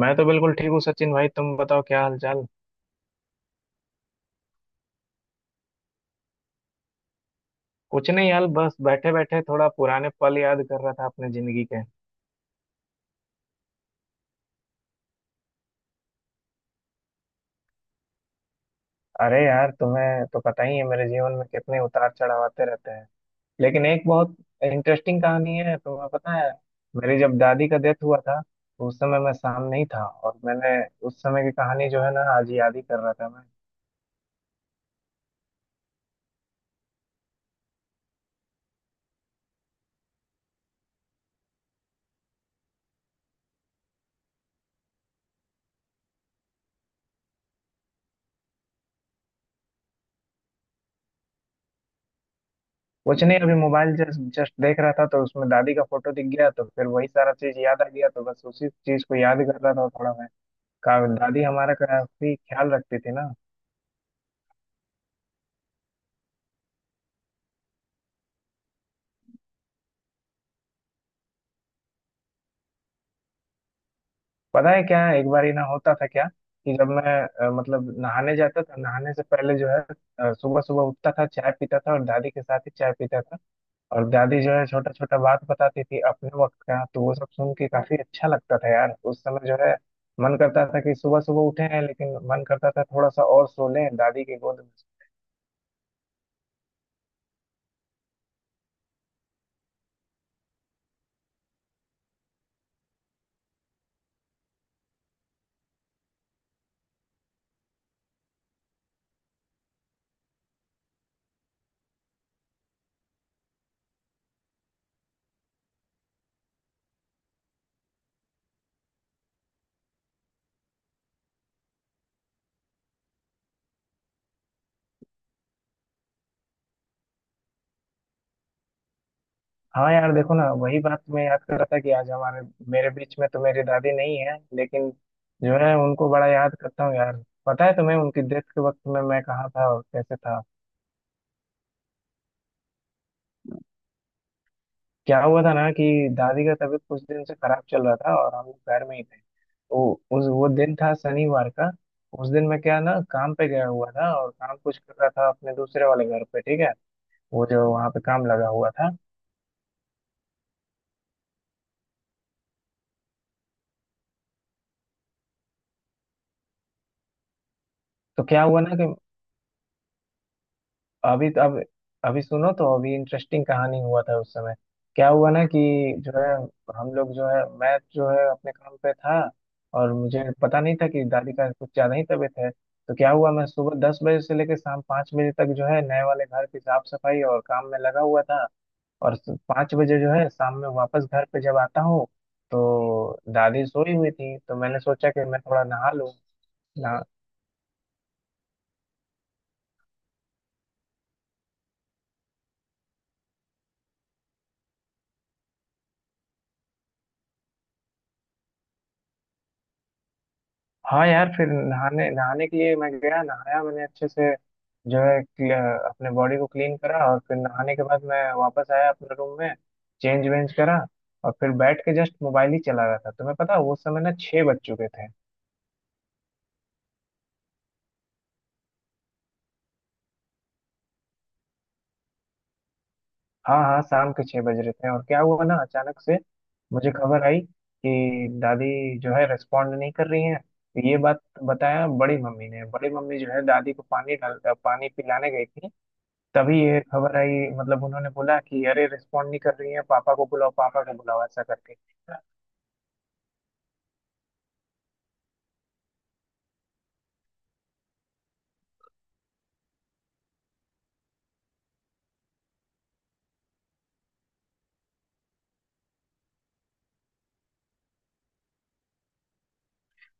मैं तो बिल्कुल ठीक हूँ सचिन भाई। तुम बताओ क्या हाल चाल। कुछ नहीं यार, बस बैठे बैठे थोड़ा पुराने पल याद कर रहा था अपने जिंदगी के। अरे यार तुम्हें तो पता ही है मेरे जीवन में कितने उतार चढ़ाव आते रहते हैं। लेकिन एक बहुत इंटरेस्टिंग कहानी है, तुम्हें पता है। मेरी जब दादी का डेथ हुआ था तो उस समय मैं सामने ही था, और मैंने उस समय की कहानी जो है ना आज याद ही कर रहा था मैं। कुछ नहीं, अभी मोबाइल जस्ट जस्ट देख रहा था तो उसमें दादी का फोटो दिख गया तो फिर वही सारा चीज याद आ गया, तो बस उसी चीज को याद कर रहा था थोड़ा मैं। का दादी हमारा काफी ख्याल रखती थी ना। पता है क्या, एक बार ही ना होता था क्या कि जब मैं, मतलब नहाने जाता था, नहाने से पहले जो है सुबह सुबह उठता था, चाय पीता था और दादी के साथ ही चाय पीता था। और दादी जो है छोटा छोटा बात बताती थी अपने वक्त का, तो वो सब सुन के काफी अच्छा लगता था यार, उस समय जो है। मन करता था कि सुबह सुबह उठे हैं लेकिन मन करता था थोड़ा सा और सो लें दादी की गोद में। हाँ यार देखो ना, वही बात मैं याद कर रहा था कि आज हमारे मेरे बीच में तो मेरी दादी नहीं है लेकिन जो है उनको बड़ा याद करता हूँ यार। पता है तुम्हें उनकी डेथ के वक्त में मैं कहाँ था और कैसे था। क्या हुआ था ना कि दादी का तबीयत कुछ दिन से खराब चल रहा था और हम लोग घर में ही थे, तो उस वो दिन था शनिवार का। उस दिन मैं क्या ना काम पे गया हुआ था और काम कुछ कर रहा था अपने दूसरे वाले घर पे, ठीक है। वो जो वहाँ पे काम लगा हुआ था। तो क्या हुआ ना कि अभी तो अब अभी सुनो, तो अभी इंटरेस्टिंग कहानी हुआ था उस समय। क्या हुआ ना कि जो है, मैं जो है अपने काम पे था। और मुझे पता नहीं था कि दादी का कुछ ज्यादा ही तबीयत है, तो क्या हुआ, मैं सुबह 10 बजे से लेकर शाम 5 बजे तक जो है नए वाले घर की साफ सफाई और काम में लगा हुआ था। और 5 बजे जो है शाम में वापस घर पे जब आता हूँ, तो दादी सोई हुई थी तो मैंने सोचा कि मैं थोड़ा नहा लूँ। हाँ यार, फिर नहाने नहाने के लिए मैं गया, नहाया मैंने अच्छे से, जो है अपने बॉडी को क्लीन करा। और फिर नहाने के बाद मैं वापस आया अपने रूम में, चेंज वेंज करा। और फिर बैठ के जस्ट मोबाइल ही चला रहा था, तुम्हें पता है, उस समय ना 6 बज चुके थे। हाँ हाँ, शाम के 6 बज रहे थे, और क्या हुआ ना अचानक से मुझे खबर आई कि दादी जो है रिस्पॉन्ड नहीं कर रही है। तो ये बात बताया बड़ी मम्मी ने, बड़ी मम्मी जो है दादी को पानी पिलाने गई थी। तभी ये खबर आई, मतलब उन्होंने बोला कि अरे रिस्पॉन्ड नहीं कर रही है, पापा को बुलाओ, पापा को बुलाओ ऐसा करके।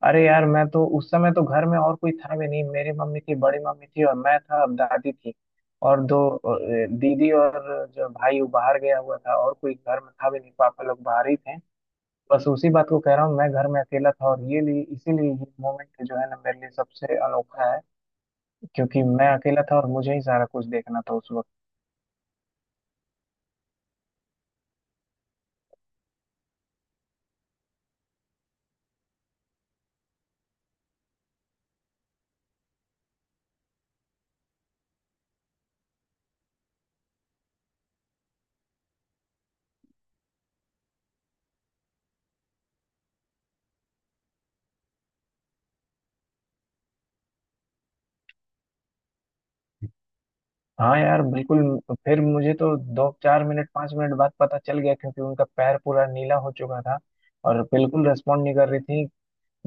अरे यार, मैं तो उस समय तो घर में और कोई था भी नहीं। मेरी मम्मी थी, बड़ी मम्मी थी और मैं था और दादी थी, और दो दीदी, और जो भाई वो बाहर गया हुआ था, और कोई घर में था भी नहीं, पापा लोग बाहर ही थे। बस उसी बात को कह रहा हूँ, मैं घर में अकेला था और ये लिए इसीलिए ये मोमेंट जो है ना मेरे लिए सबसे अनोखा है। क्योंकि मैं अकेला था और मुझे ही सारा कुछ देखना था उस। हाँ यार बिल्कुल। फिर मुझे तो दो चार मिनट 5 मिनट बाद पता चल गया, क्योंकि उनका पैर पूरा नीला हो चुका था और बिल्कुल रेस्पॉन्ड नहीं कर रही थी।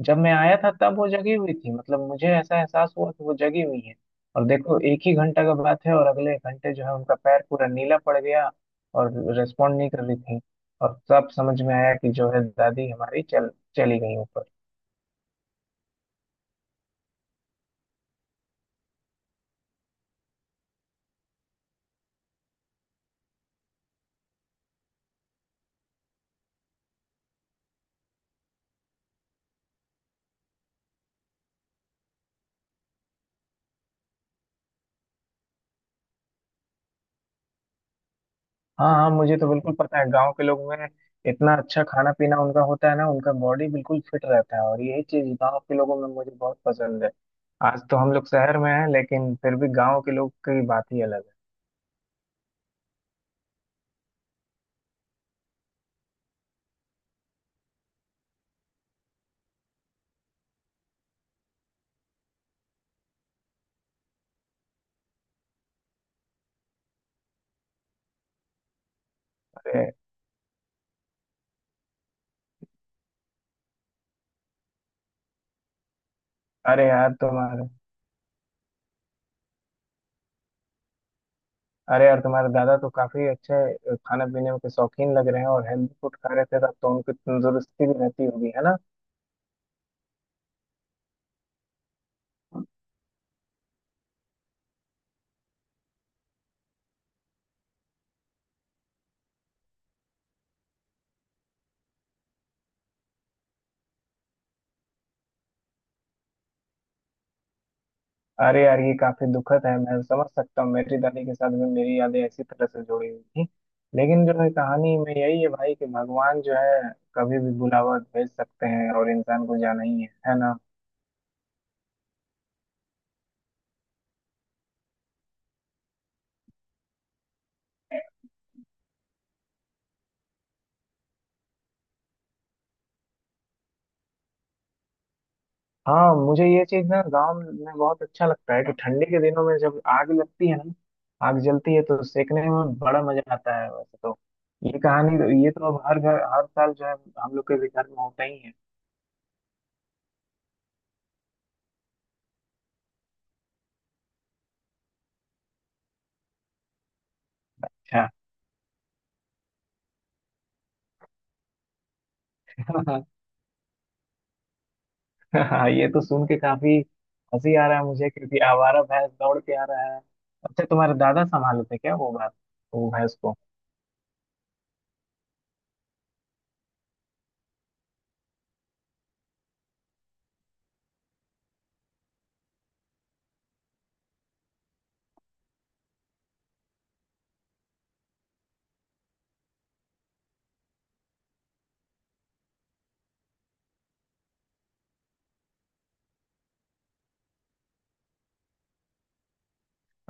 जब मैं आया था तब वो जगी हुई थी, मतलब मुझे ऐसा एहसास हुआ कि वो जगी हुई है। और देखो, एक ही घंटा का बात है और अगले घंटे जो है उनका पैर पूरा नीला पड़ गया और रेस्पॉन्ड नहीं कर रही थी। और तब समझ में आया कि जो है दादी हमारी चल चली गई ऊपर। हाँ हाँ, मुझे तो बिल्कुल पता है। गांव के लोग में इतना अच्छा खाना पीना उनका होता है ना, उनका बॉडी बिल्कुल फिट रहता है, और यही चीज गांव के लोगों में मुझे बहुत पसंद है। आज तो हम लोग शहर में हैं, लेकिन फिर भी गांव के लोग की बात ही अलग है। अरे अरे यार तुम्हारे अरे यार तुम्हारे दादा तो काफी अच्छे खाना पीने के शौकीन लग रहे हैं, और हेल्दी फूड खा रहे थे तब तो उनकी तंदुरुस्ती भी रहती होगी है ना। अरे यार ये काफी दुखद है, मैं समझ सकता हूँ। मेरी दादी के साथ भी मेरी यादें इसी तरह से जुड़ी हुई थी। लेकिन जो है कहानी में यही है भाई, कि भगवान जो है कभी भी बुलावा भेज सकते हैं और इंसान को जाना ही है ना। हाँ मुझे ये चीज ना गांव में बहुत अच्छा लगता है कि ठंडी के दिनों में जब आग लगती है ना, आग जलती है तो सेकने में बड़ा मजा आता है, वैसे तो। ये कहानी ये तो अब हर घर, हर साल जो है हम लोग के भी घर में होता ही है। अच्छा हाँ, ये तो सुन के काफी हंसी आ रहा है मुझे, क्योंकि आवारा भैंस दौड़ के आ रहा है। अच्छा, तुम्हारे दादा संभालते क्या वो बात, वो भैंस को।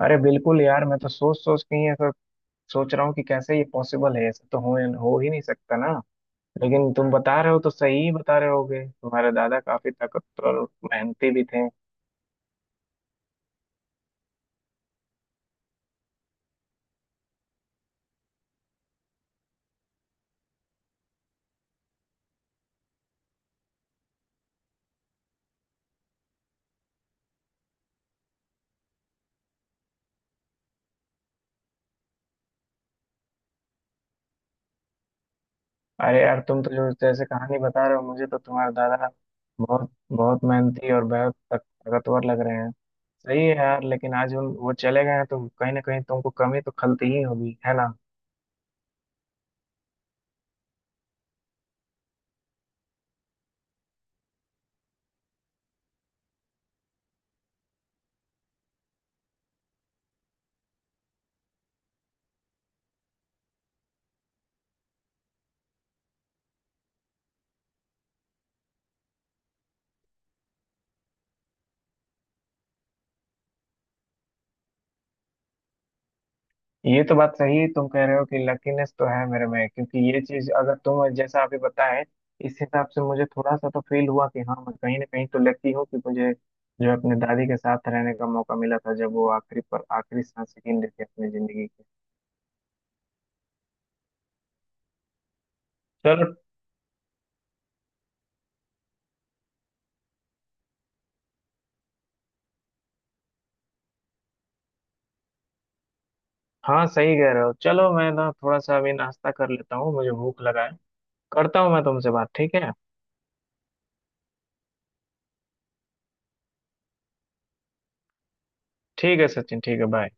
अरे बिल्कुल यार, मैं तो सोच सोच के ही ऐसा सोच रहा हूँ कि कैसे ये पॉसिबल है, ऐसा तो हो ही नहीं सकता ना। लेकिन तुम बता रहे हो तो सही ही बता रहे होगे, तुम्हारे दादा काफी ताकतवर और मेहनती भी थे। अरे यार तुम तो जो जैसे कहानी बता रहे हो, मुझे तो तुम्हारे दादा बहुत बहुत मेहनती और बहुत ताकतवर लग रहे हैं। सही है यार, लेकिन आज हम वो चले गए हैं तो कहीं ना कहीं तुमको कमी तो खलती ही होगी है ना। ये तो बात सही है, तुम कह रहे हो कि लकीनेस तो है मेरे में। क्योंकि ये चीज अगर तुम जैसा अभी बताए, इस हिसाब से मुझे थोड़ा सा तो फील हुआ कि हाँ मैं कहीं ना कहीं तो लकी हूँ कि मुझे जो है अपने दादी के साथ रहने का मौका मिला था, जब वो आखिरी सांस गिन रही थी अपनी जिंदगी की। चलो। हाँ सही कह रहे हो, चलो मैं ना थोड़ा सा अभी नाश्ता कर लेता हूँ, मुझे भूख लगा है। करता हूँ मैं तुमसे बात, ठीक है। ठीक है सचिन, ठीक है बाय।